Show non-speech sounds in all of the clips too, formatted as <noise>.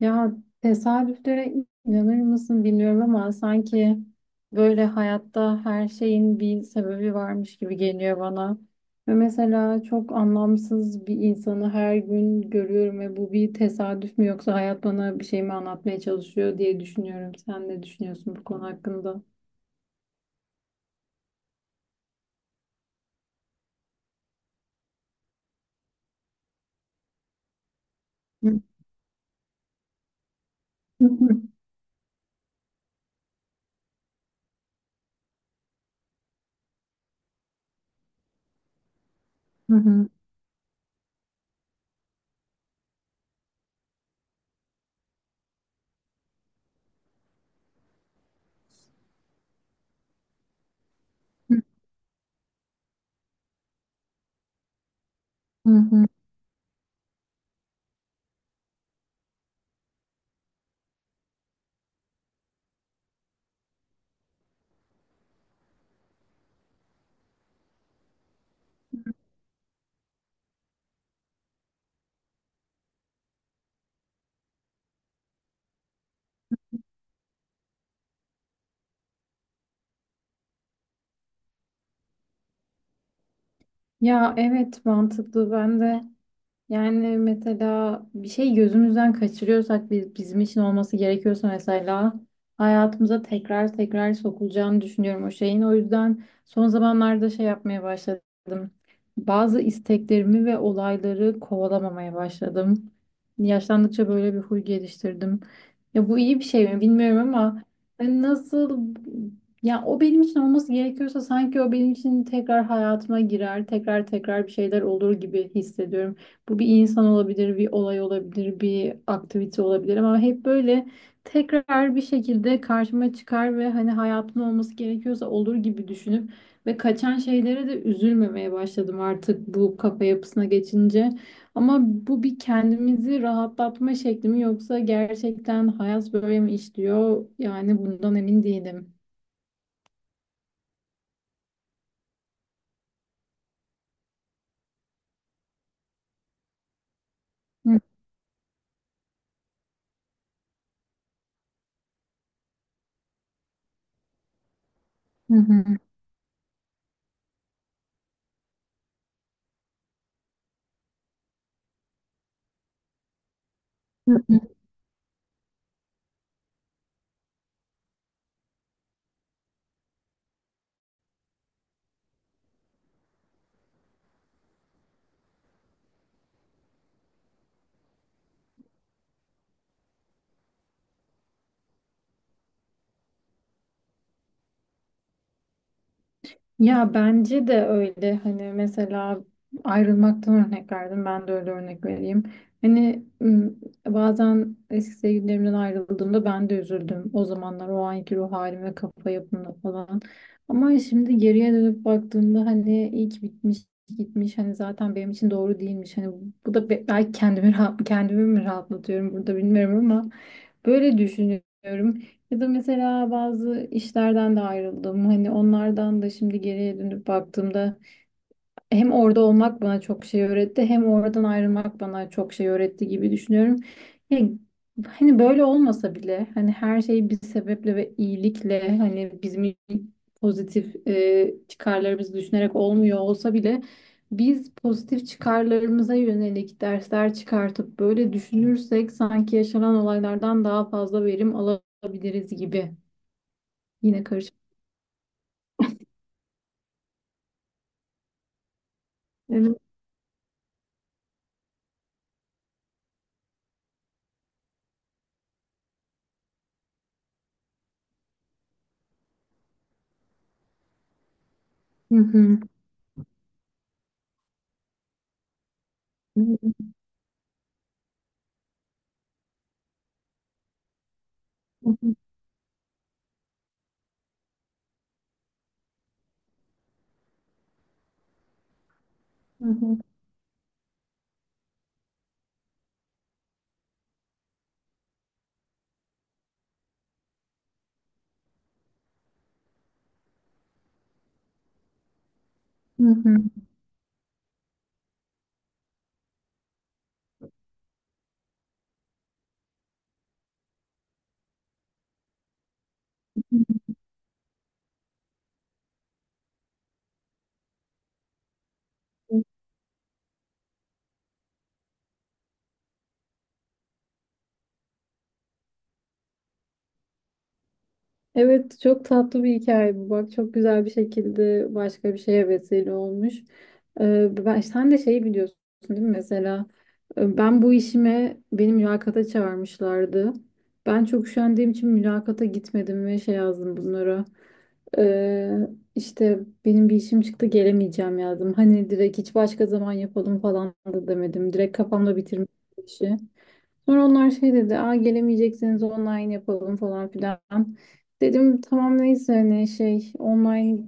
Ya tesadüflere inanır mısın bilmiyorum ama sanki böyle hayatta her şeyin bir sebebi varmış gibi geliyor bana. Ve mesela çok anlamsız bir insanı her gün görüyorum ve bu bir tesadüf mü yoksa hayat bana bir şey mi anlatmaya çalışıyor diye düşünüyorum. Sen ne düşünüyorsun bu konu hakkında? Hı hı hı hı. Hı hı. Ya, evet, mantıklı. Ben de. Yani mesela bir şey gözümüzden kaçırıyorsak biz, bizim için olması gerekiyorsa, mesela hayatımıza tekrar tekrar sokulacağını düşünüyorum o şeyin. O yüzden son zamanlarda şey yapmaya başladım. Bazı isteklerimi ve olayları kovalamamaya başladım. Yaşlandıkça böyle bir huy geliştirdim. Ya bu iyi bir şey mi bilmiyorum ama hani nasıl, ya o benim için olması gerekiyorsa sanki o benim için tekrar hayatıma girer, tekrar tekrar bir şeyler olur gibi hissediyorum. Bu bir insan olabilir, bir olay olabilir, bir aktivite olabilir ama hep böyle tekrar bir şekilde karşıma çıkar ve hani hayatın olması gerekiyorsa olur gibi düşünüp ve kaçan şeylere de üzülmemeye başladım artık bu kafa yapısına geçince. Ama bu bir kendimizi rahatlatma şekli mi yoksa gerçekten hayat böyle mi işliyor? Yani bundan emin değilim. Hı hı. Hı. Ya bence de öyle, hani mesela ayrılmaktan örnek verdim, ben de öyle örnek vereyim. Hani bazen eski sevgililerimden ayrıldığımda ben de üzüldüm o zamanlar o anki ruh halim ve kafa yapımla falan. Ama şimdi geriye dönüp baktığımda hani iyi ki bitmiş gitmiş, hani zaten benim için doğru değilmiş. Hani bu da belki kendimi mi rahatlatıyorum burada bilmiyorum ama böyle düşünüyorum. Ya da mesela bazı işlerden de ayrıldım. Hani onlardan da şimdi geriye dönüp baktığımda hem orada olmak bana çok şey öğretti hem oradan ayrılmak bana çok şey öğretti gibi düşünüyorum. Ya, hani böyle olmasa bile hani her şey bir sebeple ve iyilikle hani bizim pozitif çıkarlarımızı düşünerek olmuyor olsa bile biz pozitif çıkarlarımıza yönelik dersler çıkartıp böyle düşünürsek sanki yaşanan olaylardan daha fazla verim alabiliriz gibi. Yine karışık. Evet. Hı hı. Hı hı. Hı hı. Hı hı. Hı hı. Evet, çok tatlı bir hikaye bu. Bak, çok güzel bir şekilde başka bir şeye vesile olmuş. Sen de şeyi biliyorsun değil mi? Mesela ben bu işime beni mülakata çağırmışlardı. Ben çok üşendiğim için mülakata gitmedim ve şey yazdım bunlara. Ee, işte benim bir işim çıktı, gelemeyeceğim yazdım. Hani direkt hiç başka zaman yapalım falan da demedim. Direkt kafamda bitirmiştim işi. Sonra onlar şey dedi, aa, gelemeyecekseniz online yapalım falan filan. Dedim tamam neyse hani şey, online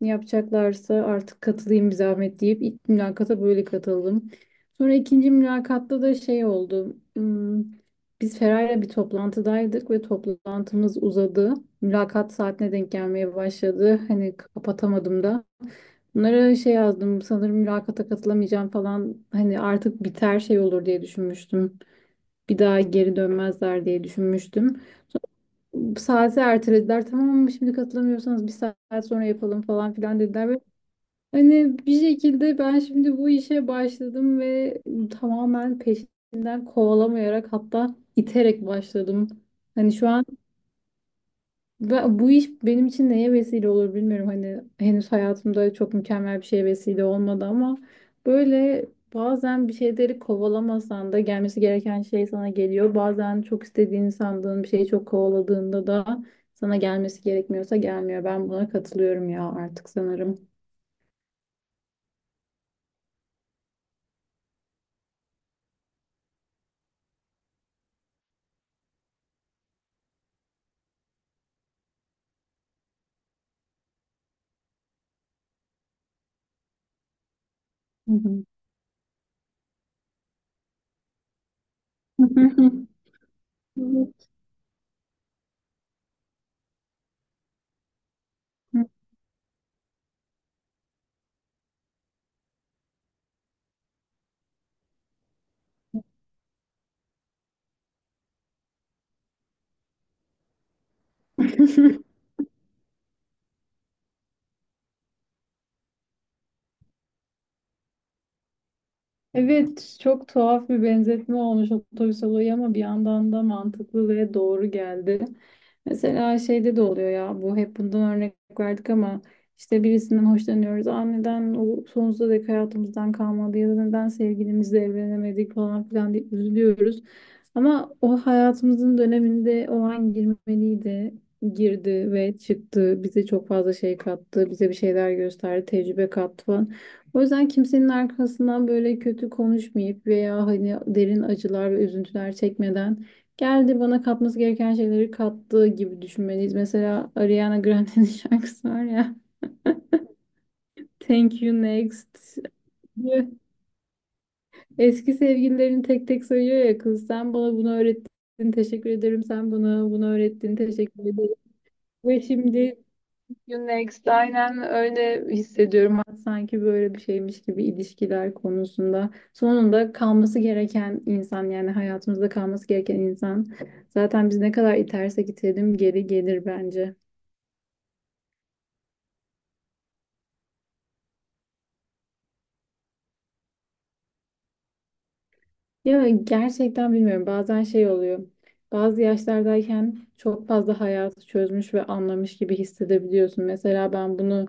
yapacaklarsa artık katılayım bir zahmet deyip ilk mülakata böyle katıldım. Sonra ikinci mülakatta da şey oldu. Biz Feray'la bir toplantıdaydık ve toplantımız uzadı. Mülakat saatine denk gelmeye başladı. Hani kapatamadım da. Bunlara şey yazdım sanırım, mülakata katılamayacağım falan, hani artık biter şey olur diye düşünmüştüm, bir daha geri dönmezler diye düşünmüştüm. Saati ertelediler. Tamam ama şimdi katılamıyorsanız bir saat sonra yapalım falan filan dediler. Ve hani bir şekilde ben şimdi bu işe başladım ve tamamen peşinden kovalamayarak, hatta iterek başladım. Hani şu an bu iş benim için neye vesile olur bilmiyorum. Hani henüz hayatımda çok mükemmel bir şeye vesile olmadı ama böyle bazen bir şeyleri kovalamasan da gelmesi gereken şey sana geliyor. Bazen çok istediğini sandığın bir şeyi çok kovaladığında da sana gelmesi gerekmiyorsa gelmiyor. Ben buna katılıyorum ya artık sanırım. Hı hı. <laughs> Evet, çok tuhaf bir benzetme olmuş otobüs olayı, ama bir yandan da mantıklı ve doğru geldi. Mesela şeyde de oluyor ya, bu hep bundan örnek verdik ama işte birisinden hoşlanıyoruz. Aa, neden o sonsuza dek hayatımızdan kalmadı ya da neden sevgilimizle evlenemedik falan filan deyip üzülüyoruz. Ama o hayatımızın döneminde o an girmeliydi. Girdi ve çıktı. Bize çok fazla şey kattı. Bize bir şeyler gösterdi. Tecrübe kattı falan. O yüzden kimsenin arkasından böyle kötü konuşmayıp veya hani derin acılar ve üzüntüler çekmeden, geldi bana katması gereken şeyleri kattı gibi düşünmeliyiz. Mesela Ariana Grande'nin <laughs> şarkısı var ya. Thank you next. <laughs> Eski sevgililerini tek tek sayıyor ya kız. Sen bana bunu öğrettin, teşekkür ederim. Sen bana bunu öğrettin, teşekkür ederim. Ve şimdi you next. Aynen öyle hissediyorum. Sanki böyle bir şeymiş gibi ilişkiler konusunda. Sonunda kalması gereken insan, yani hayatımızda kalması gereken insan. Zaten biz ne kadar itersek itelim geri gelir bence. Ya gerçekten bilmiyorum. Bazen şey oluyor. Bazı yaşlardayken çok fazla hayatı çözmüş ve anlamış gibi hissedebiliyorsun. Mesela ben bunu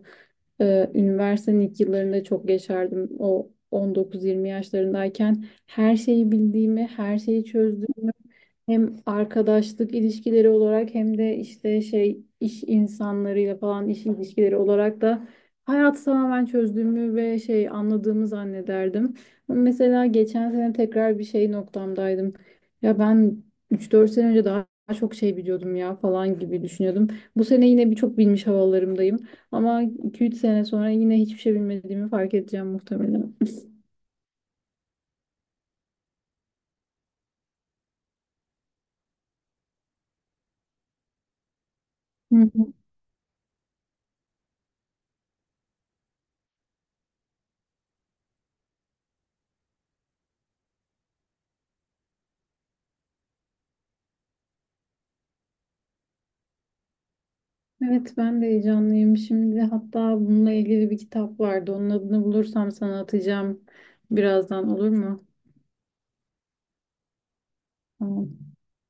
üniversitenin ilk yıllarında çok yaşardım. O 19-20 yaşlarındayken her şeyi bildiğimi, her şeyi çözdüğümü, hem arkadaşlık ilişkileri olarak hem de işte şey, iş insanlarıyla falan iş ilişkileri olarak da hayatı tamamen çözdüğümü ve şey anladığımı zannederdim. Ama mesela geçen sene tekrar bir şey noktamdaydım. Ya ben üç dört sene önce daha çok şey biliyordum ya falan gibi düşünüyordum. Bu sene yine birçok bilmiş havalarımdayım. Ama iki üç sene sonra yine hiçbir şey bilmediğimi fark edeceğim muhtemelen. <laughs> Evet, ben de heyecanlıyım. Şimdi hatta bununla ilgili bir kitap vardı. Onun adını bulursam sana atacağım birazdan, olur mu? Tamam.